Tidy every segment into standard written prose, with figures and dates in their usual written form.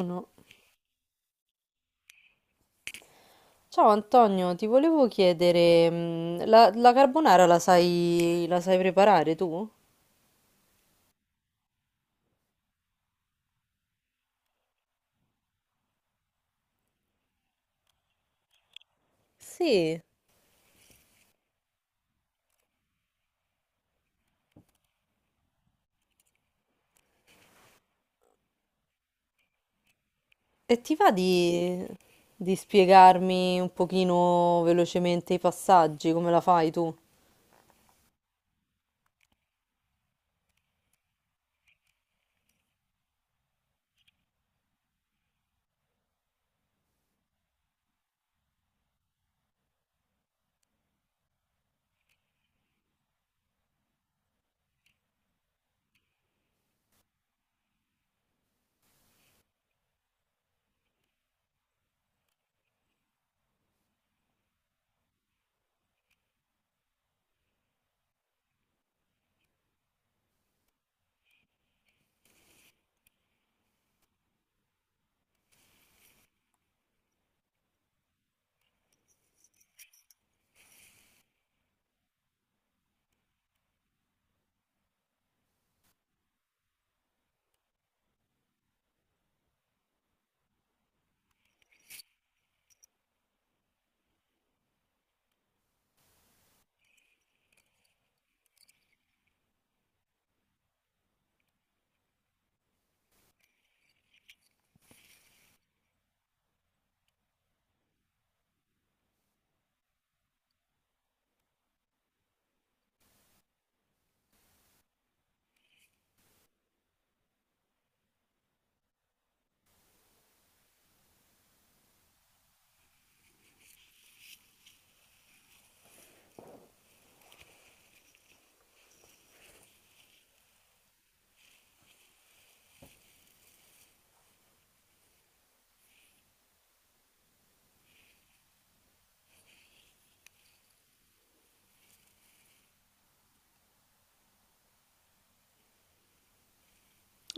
No. Ciao Antonio, ti volevo chiedere, la carbonara la sai preparare tu? Sì. E ti va di spiegarmi un pochino velocemente i passaggi, come la fai tu?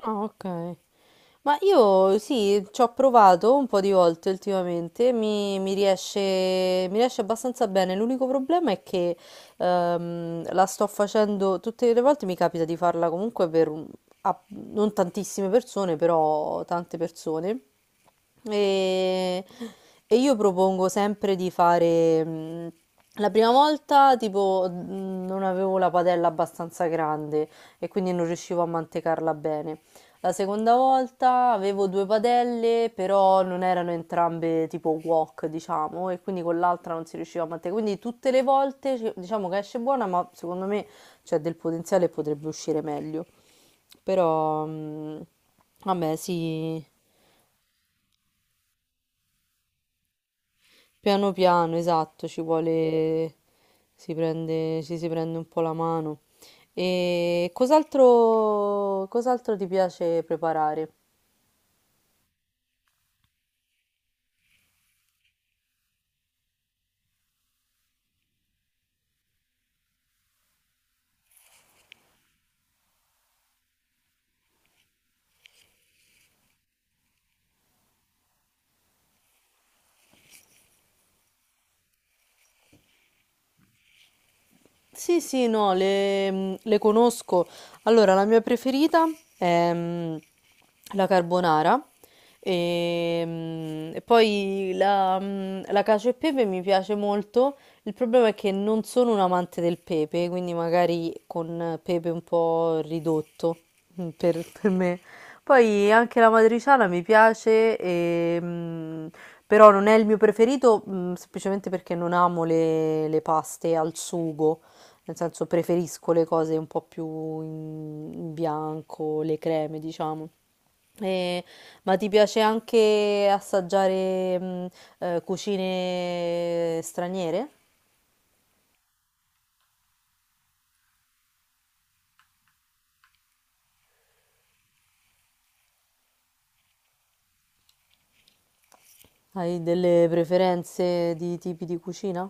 Ah, ok. Ma io sì, ci ho provato un po' di volte ultimamente, mi riesce abbastanza bene. L'unico problema è che la sto facendo tutte le volte, mi capita di farla comunque per non tantissime persone, però tante persone. E, e io propongo sempre di fare. La prima volta, tipo, non avevo la padella abbastanza grande e quindi non riuscivo a mantecarla bene. La seconda volta avevo due padelle, però non erano entrambe tipo wok, diciamo, e quindi con l'altra non si riusciva a mantenere. Quindi tutte le volte diciamo che esce buona, ma secondo me c'è del potenziale e potrebbe uscire meglio. Però, vabbè, sì, piano piano, esatto, ci vuole, si prende, ci si prende un po' la mano. E cos'altro, cos'altro ti piace preparare? Sì, sì, no, le conosco. Allora, la mia preferita è la carbonara e, la cacio e pepe mi piace molto. Il problema è che non sono un amante del pepe, quindi magari con pepe un po' ridotto per me. Poi anche la matriciana mi piace, però non è il mio preferito, semplicemente perché non amo le paste al sugo. Nel senso preferisco le cose un po' più in bianco, le creme, diciamo. E- ma ti piace anche assaggiare cucine straniere? Hai delle preferenze di tipi di cucina?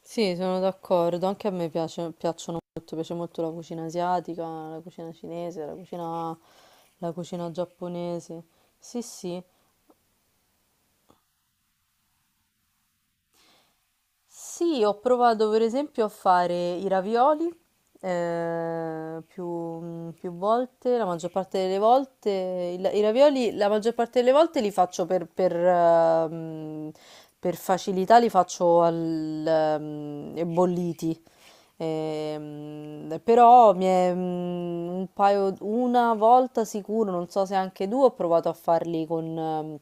Sì, sono d'accordo, anche a me piacciono molto, piace molto la cucina asiatica, la cucina cinese, la cucina giapponese. Sì, sì. Sì, ho provato per esempio a fare i ravioli più volte, la maggior parte delle volte, i ravioli la maggior parte delle volte li faccio per facilità, li faccio bolliti. Però mi è, un paio, una volta sicuro, non so se anche due, ho provato a farli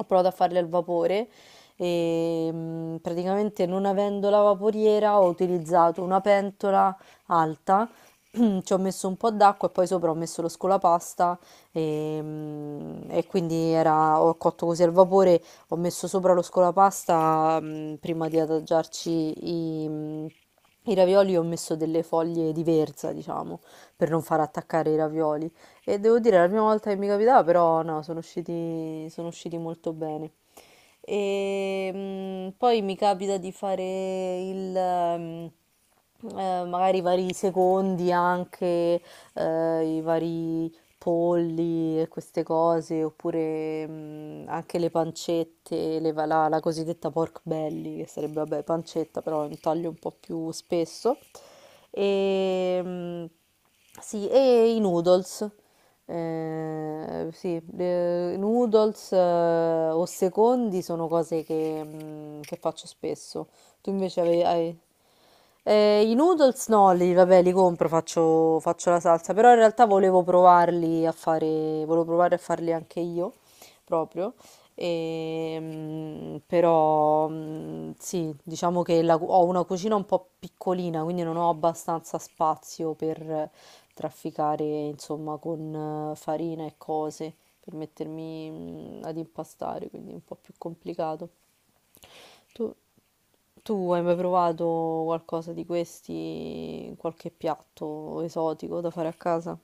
ho provato a farli al vapore e praticamente non avendo la vaporiera ho utilizzato una pentola alta. Ci ho messo un po' d'acqua e poi sopra ho messo lo scolapasta e, ho cotto così al vapore, ho messo sopra lo scolapasta, prima di adagiarci i, mh, i ravioli, ho messo delle foglie di verza, diciamo, per non far attaccare i ravioli. E devo dire, è la prima volta che mi capitava, però no, sono usciti molto bene. E poi mi capita di fare il... mm, magari i vari secondi anche, i vari polli e queste cose, oppure anche le pancette, la cosiddetta pork belly, che sarebbe, vabbè, pancetta, però è un taglio un po' più spesso. E, sì, e i noodles. Sì, noodles o secondi sono cose che faccio spesso. Tu invece hai... i noodles no, li, vabbè, li compro, faccio la salsa, però in realtà volevo provarli a fare, volevo provare a farli anche io, proprio. E, sì, diciamo che ho una cucina un po' piccolina, quindi non ho abbastanza spazio per trafficare, insomma, con farina e cose, per mettermi ad impastare, quindi è un po' più complicato. Tu Tu hai mai provato qualcosa di questi, qualche piatto esotico da fare a casa?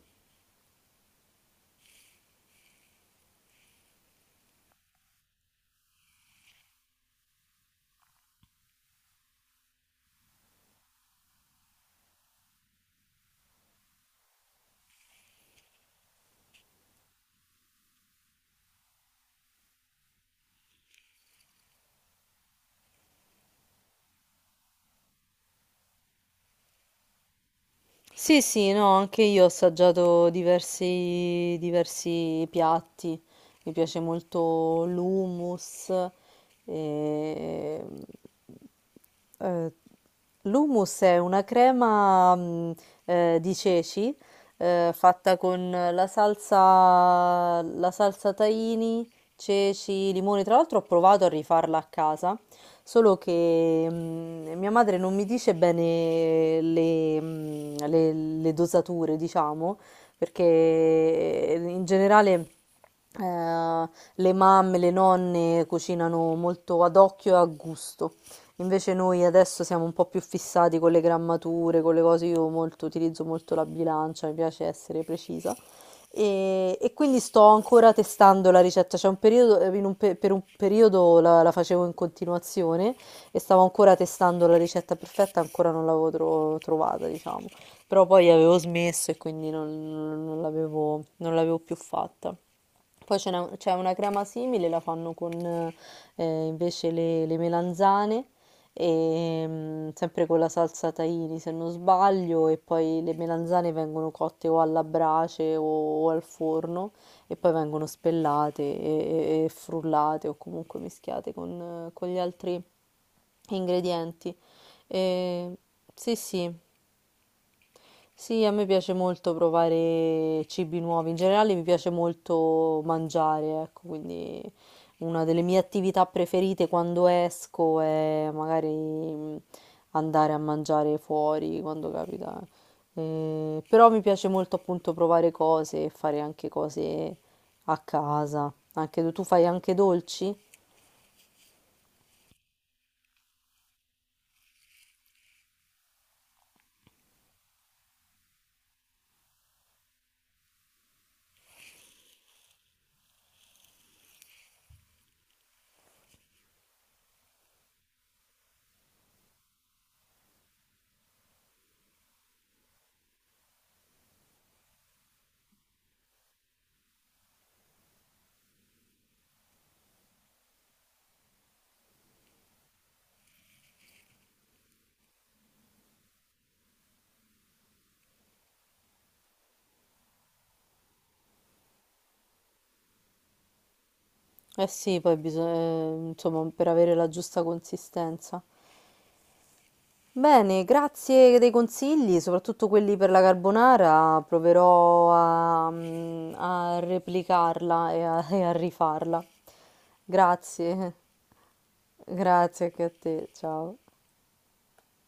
Sì, sì, no, anche io ho assaggiato diversi, diversi piatti. Mi piace molto l'hummus, e... Eh, l'hummus è una crema di ceci fatta con la salsa tahini, ceci, limoni. Tra l'altro ho provato a rifarla a casa, solo che mia madre non mi dice bene le dosature, diciamo, perché in generale... eh, le mamme, le nonne cucinano molto ad occhio e a gusto. Invece noi adesso siamo un po' più fissati con le grammature, con le cose, io molto, utilizzo molto la bilancia, mi piace essere precisa. E quindi sto ancora testando la ricetta. C'è un periodo, per un periodo la facevo in continuazione e stavo ancora testando la ricetta perfetta, ancora non l'avevo trovata, diciamo. Però poi avevo smesso e quindi non l'avevo, non l'avevo più fatta. Poi c'è una crema simile, la fanno con invece le melanzane, e, sempre con la salsa tahini se non sbaglio, e poi le melanzane vengono cotte o alla brace o al forno e poi vengono spellate e frullate o comunque mischiate con gli altri ingredienti. E, sì, sì, sì, a me piace molto provare cibi nuovi, in generale mi piace molto mangiare, ecco, quindi una delle mie attività preferite quando esco è magari andare a mangiare fuori quando capita. Però mi piace molto appunto provare cose e fare anche cose a casa. Anche tu, tu fai anche dolci? Eh sì, poi bisogna, insomma, per avere la giusta consistenza. Bene, grazie dei consigli, soprattutto quelli per la carbonara, proverò a replicarla e a rifarla. Grazie, grazie anche a te, ciao.